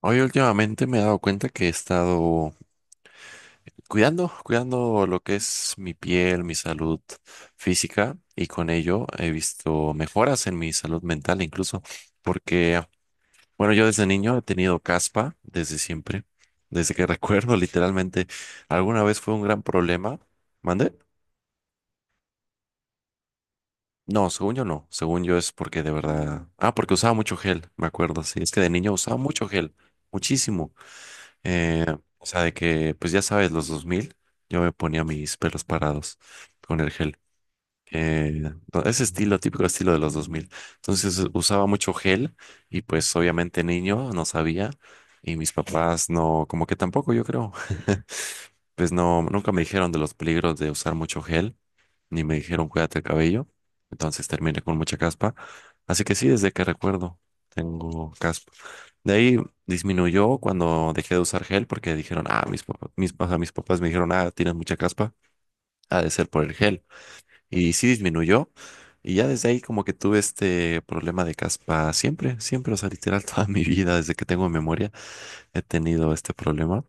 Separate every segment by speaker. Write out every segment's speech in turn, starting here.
Speaker 1: Hoy últimamente me he dado cuenta que he estado cuidando lo que es mi piel, mi salud física, y con ello he visto mejoras en mi salud mental incluso, porque, bueno, yo desde niño he tenido caspa desde siempre, desde que recuerdo literalmente, alguna vez fue un gran problema. ¿Mandé? No, según yo no, según yo es porque de verdad, porque usaba mucho gel, me acuerdo, sí, es que de niño usaba mucho gel, muchísimo. Eh, o sea, de que, pues ya sabes, los 2000 yo me ponía mis pelos parados con el gel. Eh, no, ese estilo, típico estilo de los dos mil. Entonces usaba mucho gel y pues obviamente niño, no sabía. Y mis papás no, como que tampoco, yo creo. Pues no, nunca me dijeron de los peligros de usar mucho gel, ni me dijeron cuídate el cabello, entonces terminé con mucha caspa. Así que sí, desde que recuerdo tengo caspa. De ahí disminuyó cuando dejé de usar gel, porque dijeron, mis papás, ajá, mis papás me dijeron, tienes mucha caspa, ha de ser por el gel. Y sí disminuyó. Y ya desde ahí como que tuve este problema de caspa siempre, siempre, o sea, literal toda mi vida, desde que tengo memoria, he tenido este problema.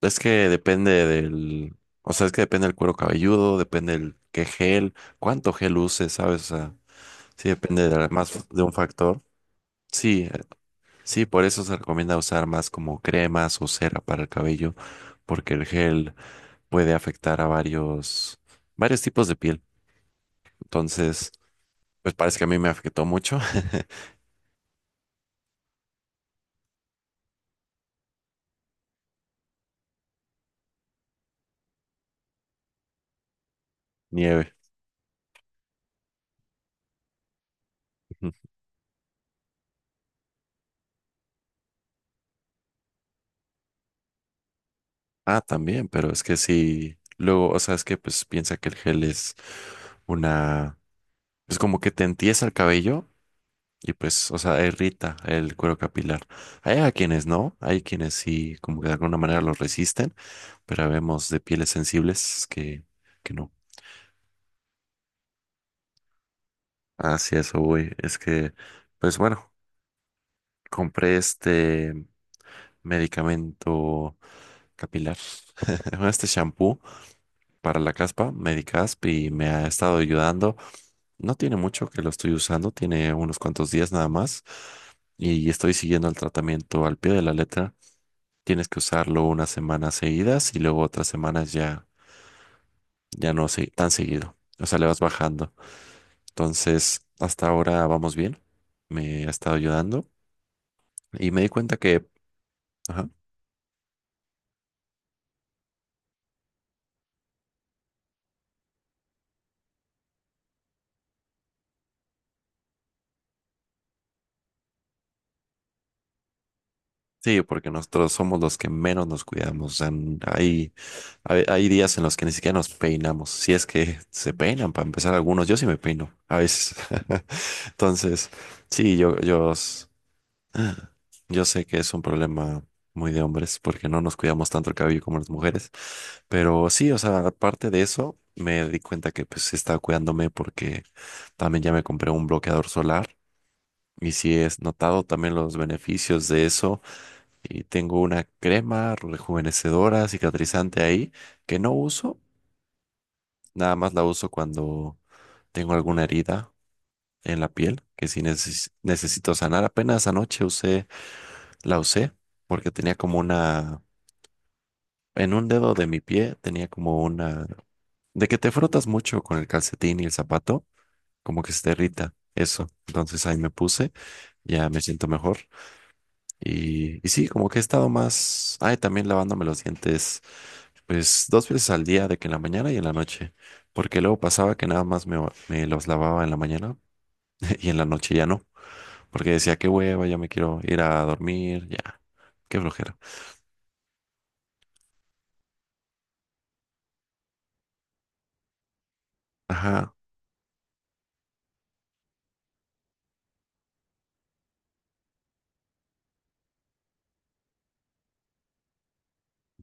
Speaker 1: Es que depende del, o sea, es que depende del cuero cabelludo, depende del qué gel, cuánto gel uses, ¿sabes? O sea, sí depende de más de un factor. Sí, sí, por eso se recomienda usar más como cremas o cera para el cabello, porque el gel puede afectar a varios, tipos de piel. Entonces, pues parece que a mí me afectó mucho. Nieve. Ujú. Ah, también, pero es que sí, luego, o sea, es que pues piensa que el gel es una, pues como que te entiesa el cabello. Y pues, o sea, irrita el cuero capilar. Hay a quienes no, hay quienes sí, como que de alguna manera lo resisten, pero vemos de pieles sensibles que, no. Así eso voy. Es que, pues bueno, compré este medicamento capilar, bueno, este shampoo para la caspa, Medicasp, y me ha estado ayudando. No tiene mucho que lo estoy usando, tiene unos cuantos días nada más, y estoy siguiendo el tratamiento al pie de la letra. Tienes que usarlo unas semanas seguidas y luego otras semanas ya, ya no tan seguido. O sea, le vas bajando. Entonces, hasta ahora vamos bien. Me ha estado ayudando y me di cuenta que, ajá, sí, porque nosotros somos los que menos nos cuidamos. O sea, hay, días en los que ni siquiera nos peinamos. Si es que se peinan, para empezar, algunos. Yo sí me peino a veces. Entonces, sí, yo. Yo sé que es un problema muy de hombres, porque no nos cuidamos tanto el cabello como las mujeres, pero sí, o sea, aparte de eso, me di cuenta que pues estaba cuidándome, porque también ya me compré un bloqueador solar y sí he notado también los beneficios de eso, y tengo una crema rejuvenecedora, cicatrizante ahí que no uso, nada más la uso cuando tengo alguna herida en la piel que sí necesito sanar. Apenas anoche la usé porque tenía como una. En un dedo de mi pie tenía como una. De que te frotas mucho con el calcetín y el zapato, como que se te irrita eso. Entonces ahí me puse, ya me siento mejor. Y sí, como que he estado más. Ay, también lavándome los dientes, pues dos veces al día, de que en la mañana y en la noche. Porque luego pasaba que nada más me los lavaba en la mañana y en la noche ya no. Porque decía, qué hueva, ya me quiero ir a dormir, ya, qué flojera. Ajá.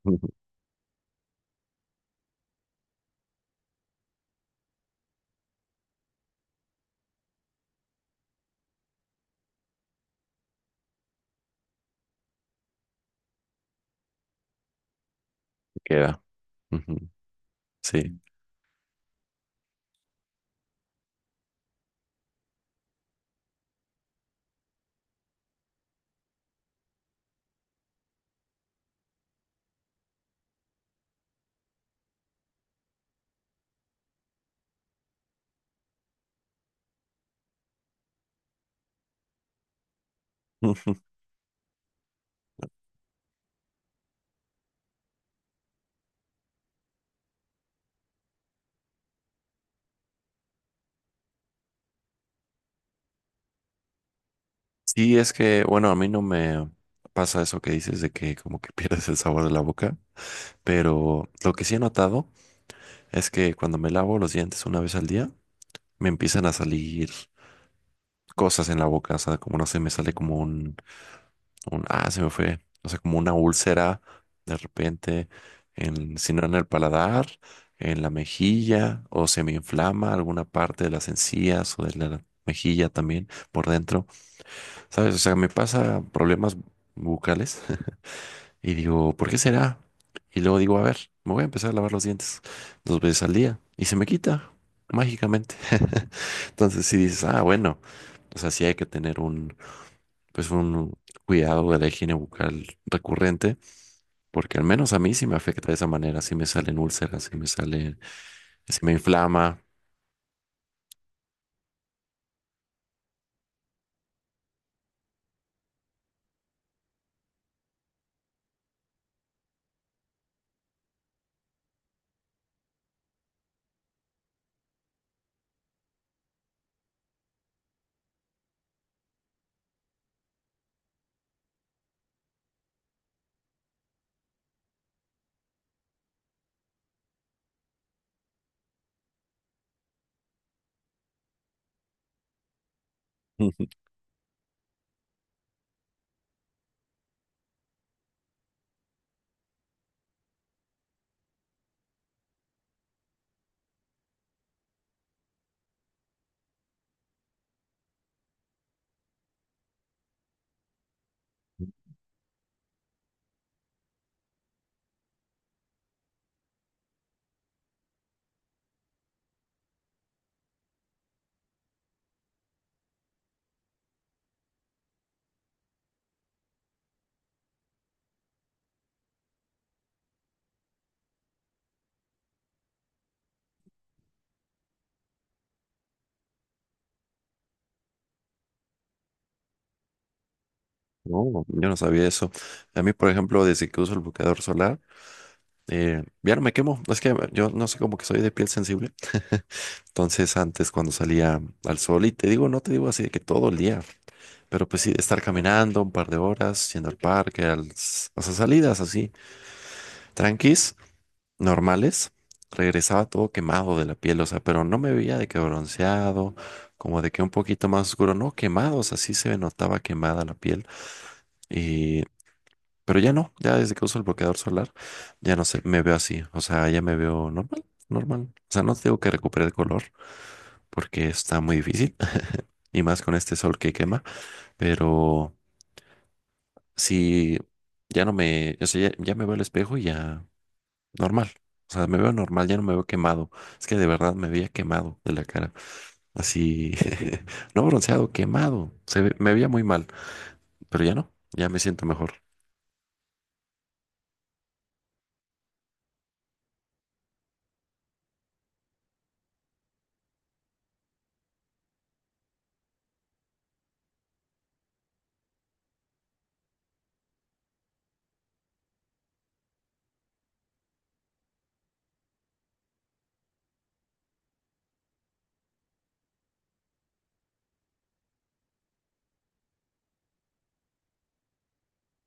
Speaker 1: Queda. Ujú. Sí. Sí, es que, bueno, a mí no me pasa eso que dices de que como que pierdes el sabor de la boca, pero lo que sí he notado es que cuando me lavo los dientes una vez al día, me empiezan a salir cosas en la boca, o sea, como no sé, me sale como se me fue, o sea, como una úlcera de repente, si no en el paladar, en la mejilla, o se me inflama alguna parte de las encías o de la mejilla también por dentro, ¿sabes? O sea, me pasa problemas bucales. Y digo, ¿por qué será? Y luego digo, a ver, me voy a empezar a lavar los dientes dos veces al día y se me quita mágicamente. Entonces si dices, ah, bueno, o sea, sí hay que tener un cuidado de la higiene bucal recurrente, porque al menos a mí sí me afecta de esa manera, sí me salen úlceras, sí me sale, sí me inflama. Ujú. No, yo no sabía eso. A mí, por ejemplo, desde que uso el bloqueador solar, ya no me quemo. Es que yo no sé cómo que soy de piel sensible. Entonces antes cuando salía al sol, y te digo, no te digo así de que todo el día, pero pues sí, estar caminando un par de horas, yendo al parque, o sea, salidas así, tranquis, normales, regresaba todo quemado de la piel, o sea, pero no me veía de que bronceado, como de que un poquito más oscuro, no, quemados, así se me notaba quemada la piel. Y pero ya no, ya desde que uso el bloqueador solar, ya no sé, me veo así, o sea, ya me veo normal, normal. O sea, no tengo que recuperar el color porque está muy difícil, y más con este sol que quema, pero sí, ya no me, o sea, ya me veo al espejo y ya normal. O sea, me veo normal, ya no me veo quemado. Es que de verdad me veía quemado de la cara. Así, no bronceado, quemado. Me veía muy mal, pero ya no, ya me siento mejor.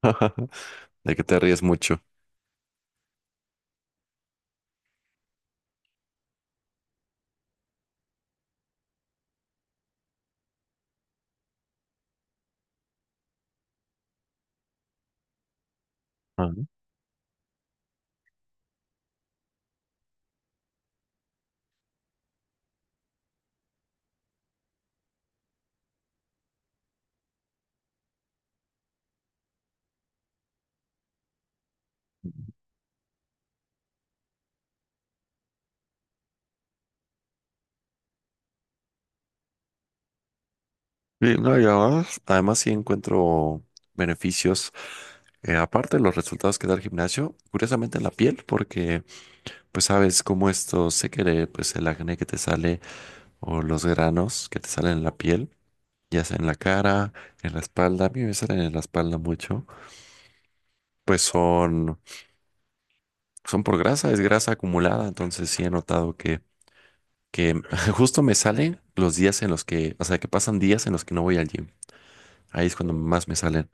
Speaker 1: De que te ríes mucho. Ah. Sí, no, y además, sí encuentro beneficios, aparte de los resultados que da el gimnasio, curiosamente en la piel, porque pues sabes cómo esto se quiere, pues el acné que te sale o los granos que te salen en la piel, ya sea en la cara, en la espalda, a mí me salen en la espalda mucho, pues son, por grasa, es grasa acumulada, entonces sí he notado que justo me salen los días en los que, o sea, que pasan días en los que no voy al gym, ahí es cuando más me salen.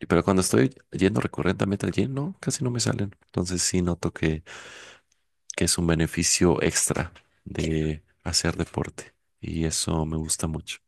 Speaker 1: Y pero cuando estoy yendo recurrentemente al gym, no, casi no me salen. Entonces sí noto que, es un beneficio extra de hacer deporte. Y eso me gusta mucho.